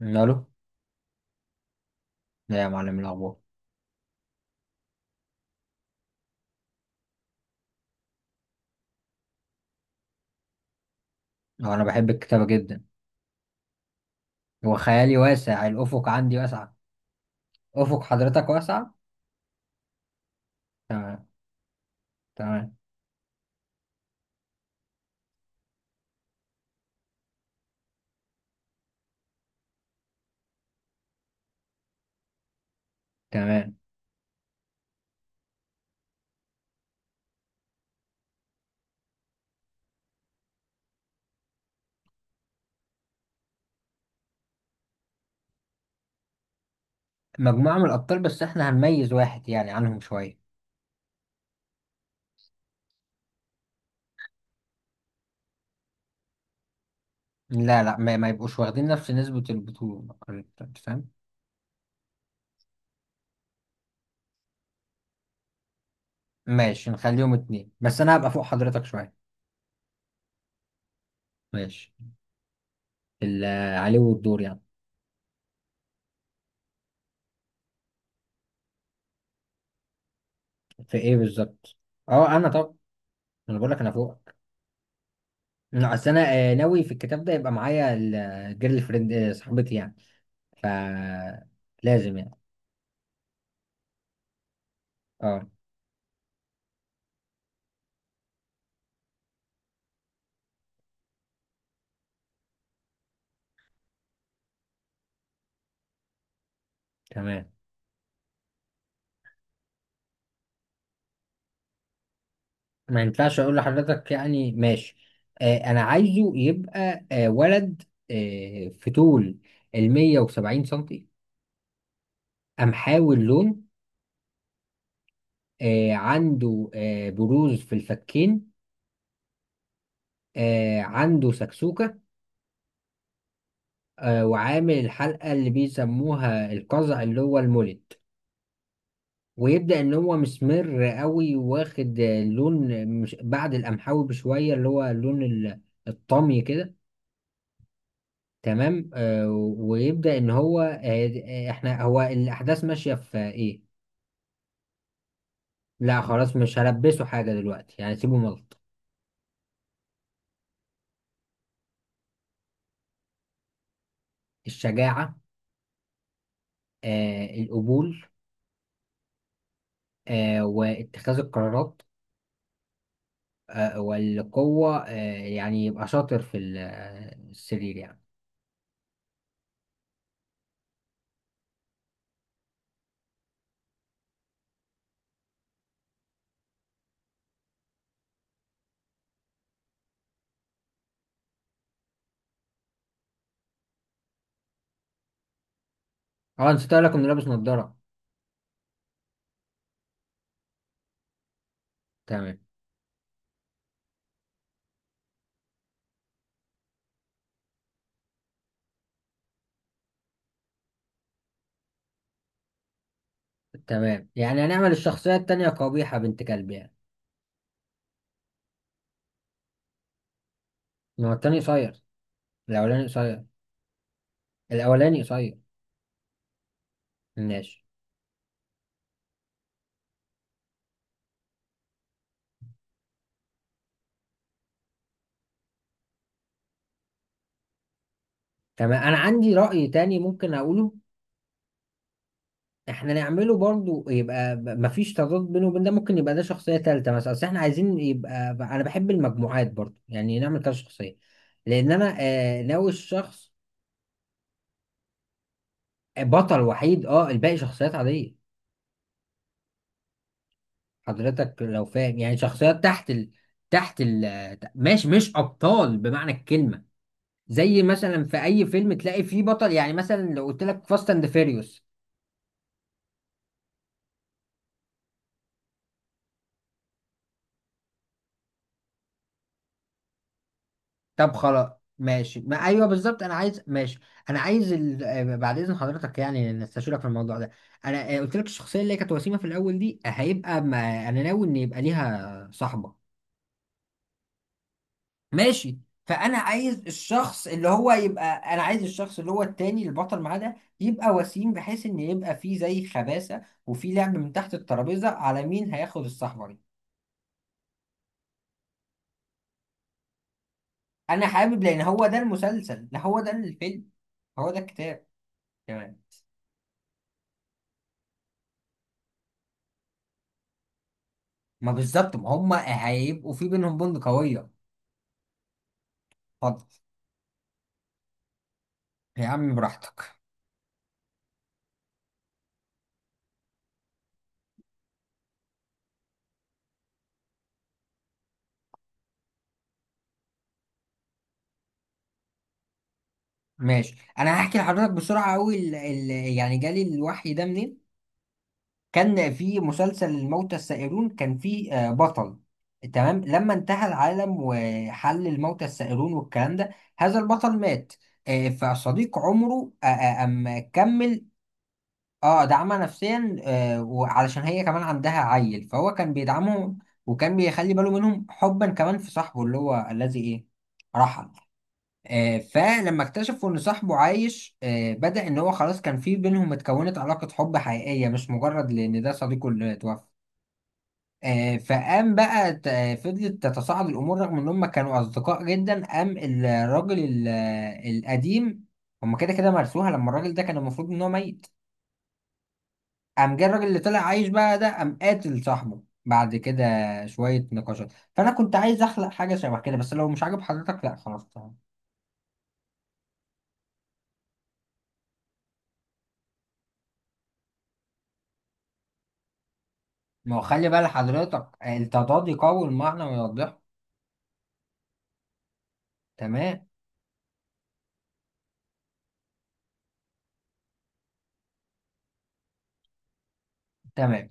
الو. لا يا معلم، إيه الاخبار؟ هو انا بحب الكتابه جدا. هو خيالي واسع، الافق عندي واسع. افق حضرتك واسع. تمام. تمام. تمام. مجموعه من الابطال، بس احنا هنميز واحد يعني عنهم شويه. لا، لا، ما يبقوش واخدين نفس نسبه البطوله. أنت فاهم؟ ماشي، نخليهم اتنين بس انا هبقى فوق حضرتك شويه. ماشي. ال- عليه والدور يعني. في ايه بالظبط؟ اه، انا طب، انا بقول لك انا فوقك. لا، اصل انا ناوي في الكتاب ده يبقى معايا الجيرل فريند، صاحبتي يعني. فلازم يعني. اه، تمام. ما ينفعش اقول لحضرتك يعني، ماشي. انا عايزه يبقى ولد. في طول ال 170 سنتي. قمحاوي اللون. عنده بروز في الفكين. عنده سكسوكة. وعامل الحلقة اللي بيسموها القزع اللي هو المولد. ويبدأ ان هو مسمر قوي، واخد لون مش بعد القمحاوي بشوية، اللي هو اللون الطمي كده. تمام. ويبدأ ان هو احنا هو الاحداث ماشية في ايه؟ لا، خلاص، مش هلبسه حاجة دلوقتي يعني، سيبه ملط. الشجاعة. القبول. واتخاذ القرارات. والقوة. يعني يبقى شاطر في السرير يعني. اه، نسيت اقول لك انه لابس نظارة. تمام. تمام. يعني هنعمل الشخصية التانية قبيحة بنت كلب يعني. ما هو التاني قصير. الأولاني قصير. الأولاني قصير. ماشي. تمام. أنا عندي رأي تاني ممكن أقوله. احنا نعمله برضو يبقى مفيش تضاد بينه وبين ده، ممكن يبقى ده شخصية تالتة مثلا، اصل احنا عايزين يبقى انا بحب المجموعات برضو يعني نعمل كذا شخصية. لان انا ناوي الشخص. بطل وحيد، اه، الباقي شخصيات عادية. حضرتك لو فاهم، يعني شخصيات تحت تحت ماشي، مش ابطال بمعنى الكلمة. زي مثلا في اي فيلم تلاقي فيه بطل، يعني مثلا لو قلت لك فاست اند فيريوس. طب، خلاص. ماشي، ما ايوه بالظبط، انا عايز، ماشي. انا عايز ال... آه، بعد اذن حضرتك يعني نستشيرك في الموضوع ده. انا قلت لك الشخصيه اللي هي كانت وسيمه في الاول دي، هيبقى ما... انا ناوي ان يبقى ليها صاحبه. ماشي. فانا عايز الشخص اللي هو يبقى. انا عايز الشخص اللي هو التاني البطل معاه ده يبقى وسيم، بحيث ان يبقى فيه زي خباثه وفي لعب من تحت الترابيزه على مين هياخد الصحبه دي. انا حابب، لان هو ده المسلسل، ده هو ده الفيلم. هو ده الكتاب كمان. ما بالظبط، ما هم هيبقوا في بينهم بوند قوية. اتفضل. يا عم براحتك. ماشي، انا هحكي لحضرتك بسرعة قوي يعني جالي الوحي ده منين. كان في مسلسل الموتى السائرون، كان في بطل. تمام. لما انتهى العالم وحل الموتى السائرون والكلام ده، هذا البطل مات. فصديق عمره أم كمل. اه، دعمها نفسيا. وعلشان هي كمان عندها عيل فهو كان بيدعمهم. وكان بيخلي باله منهم حبا كمان في صاحبه اللي هو الذي ايه، رحل. فلما اكتشفوا ان صاحبه عايش، بدأ ان هو خلاص كان في بينهم، اتكونت علاقة حب حقيقية، مش مجرد لان ده صديقه اللي اتوفى. فقام بقى فضلت تتصاعد الامور، رغم ان هم كانوا اصدقاء جدا، قام الراجل القديم. هم كده كده مرسوها لما الراجل ده كان المفروض ان هو ميت. قام جه الراجل اللي طلع عايش بقى ده، قام قاتل صاحبه بعد كده. شوية نقاشات، فأنا كنت عايز أخلق حاجة شبه كده، بس لو مش عاجب حضرتك لأ، خلاص، تمام. ما هو خلي بقى لحضرتك التضاد يقوي المعنى ويوضحه. تمام. تمام.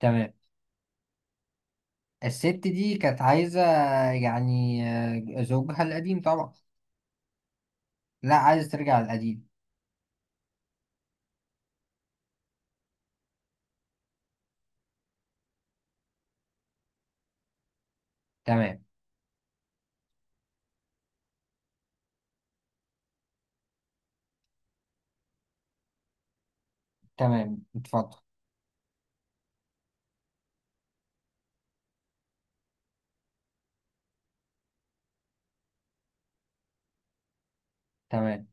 تمام. الست دي كانت عايزة يعني زوجها القديم طبعا. لا، عايز ترجع للقديم. تمام. تمام. اتفضل. تمام.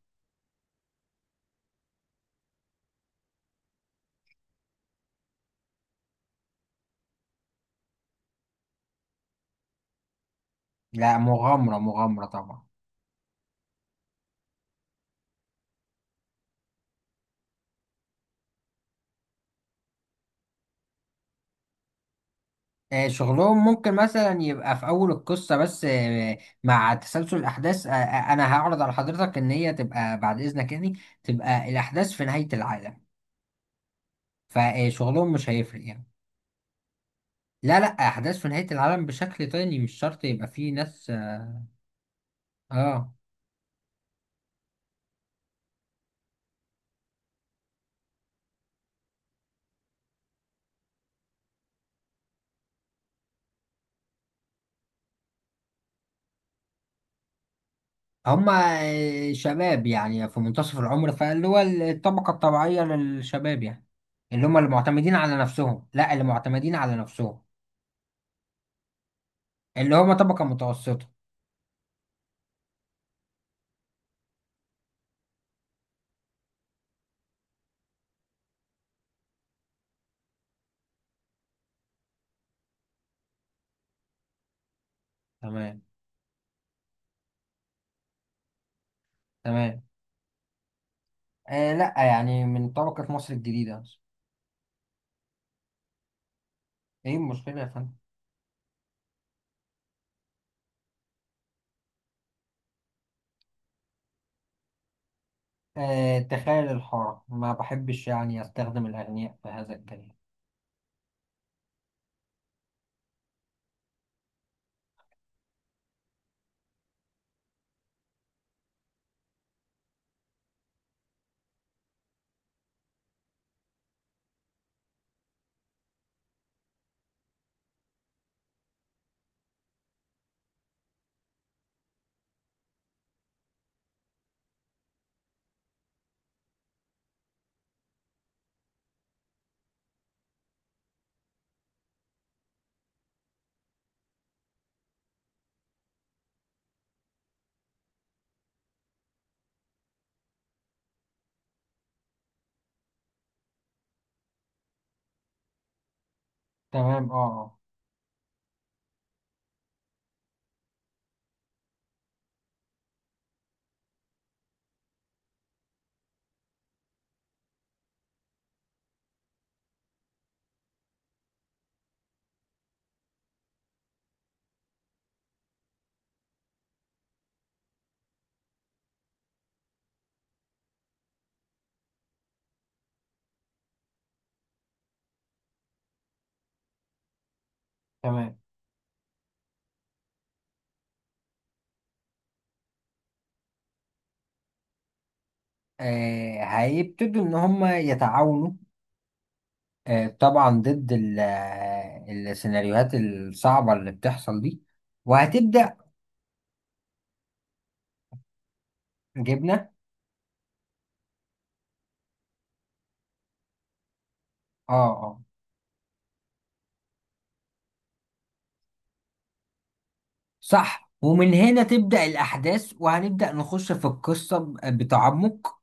لا، مغامرة مغامرة طبعا. شغلهم ممكن مثلا يبقى في أول القصة بس، مع تسلسل الأحداث أنا هعرض على حضرتك إن هي تبقى بعد إذنك يعني، تبقى الأحداث في نهاية العالم. فشغلهم مش هيفرق يعني. لا، لا، أحداث في نهاية العالم بشكل تاني، مش شرط يبقى فيه ناس. آه. هما شباب يعني في منتصف العمر، فاللي هو الطبقة الطبيعية للشباب يعني، اللي هما اللي معتمدين على نفسهم، لا اللي معتمدين على نفسهم. اللي هما طبقة متوسطة. تمام. تمام. لا، يعني من طبقة مصر الجديدة. ايه المشكلة يا فندم؟ تخيل الحارة، ما بحبش يعني استخدم الأغنياء في هذا الكلام. تمام. اه. تمام. هيبتدوا إن هما يتعاونوا. طبعا ضد السيناريوهات الصعبة اللي بتحصل دي. وهتبدأ. جبنة. اه. اه. صح، ومن هنا تبدأ الأحداث وهنبدأ نخش في القصة بتعمق.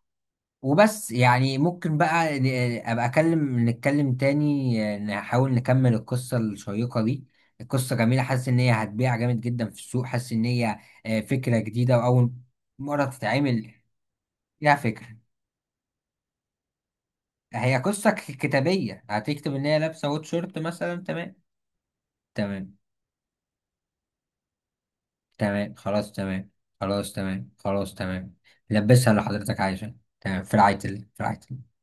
وبس يعني ممكن بقى ابقى اكلم نتكلم تاني، نحاول نكمل القصة الشيقة دي. القصة جميلة، حاسس ان هي هتبيع جامد جدا في السوق، حاسس ان هي فكرة جديدة واول مرة تتعمل فيها فكرة. هي قصة كتابية هتكتب ان هي لابسة ووت شورت مثلا، تمام. تمام. تمام. خلاص. تمام. خلاص. تمام. خلاص. تمام. لبسها اللي حضرتك عايزة. تمام، في رعاية الله، في رعاية الله.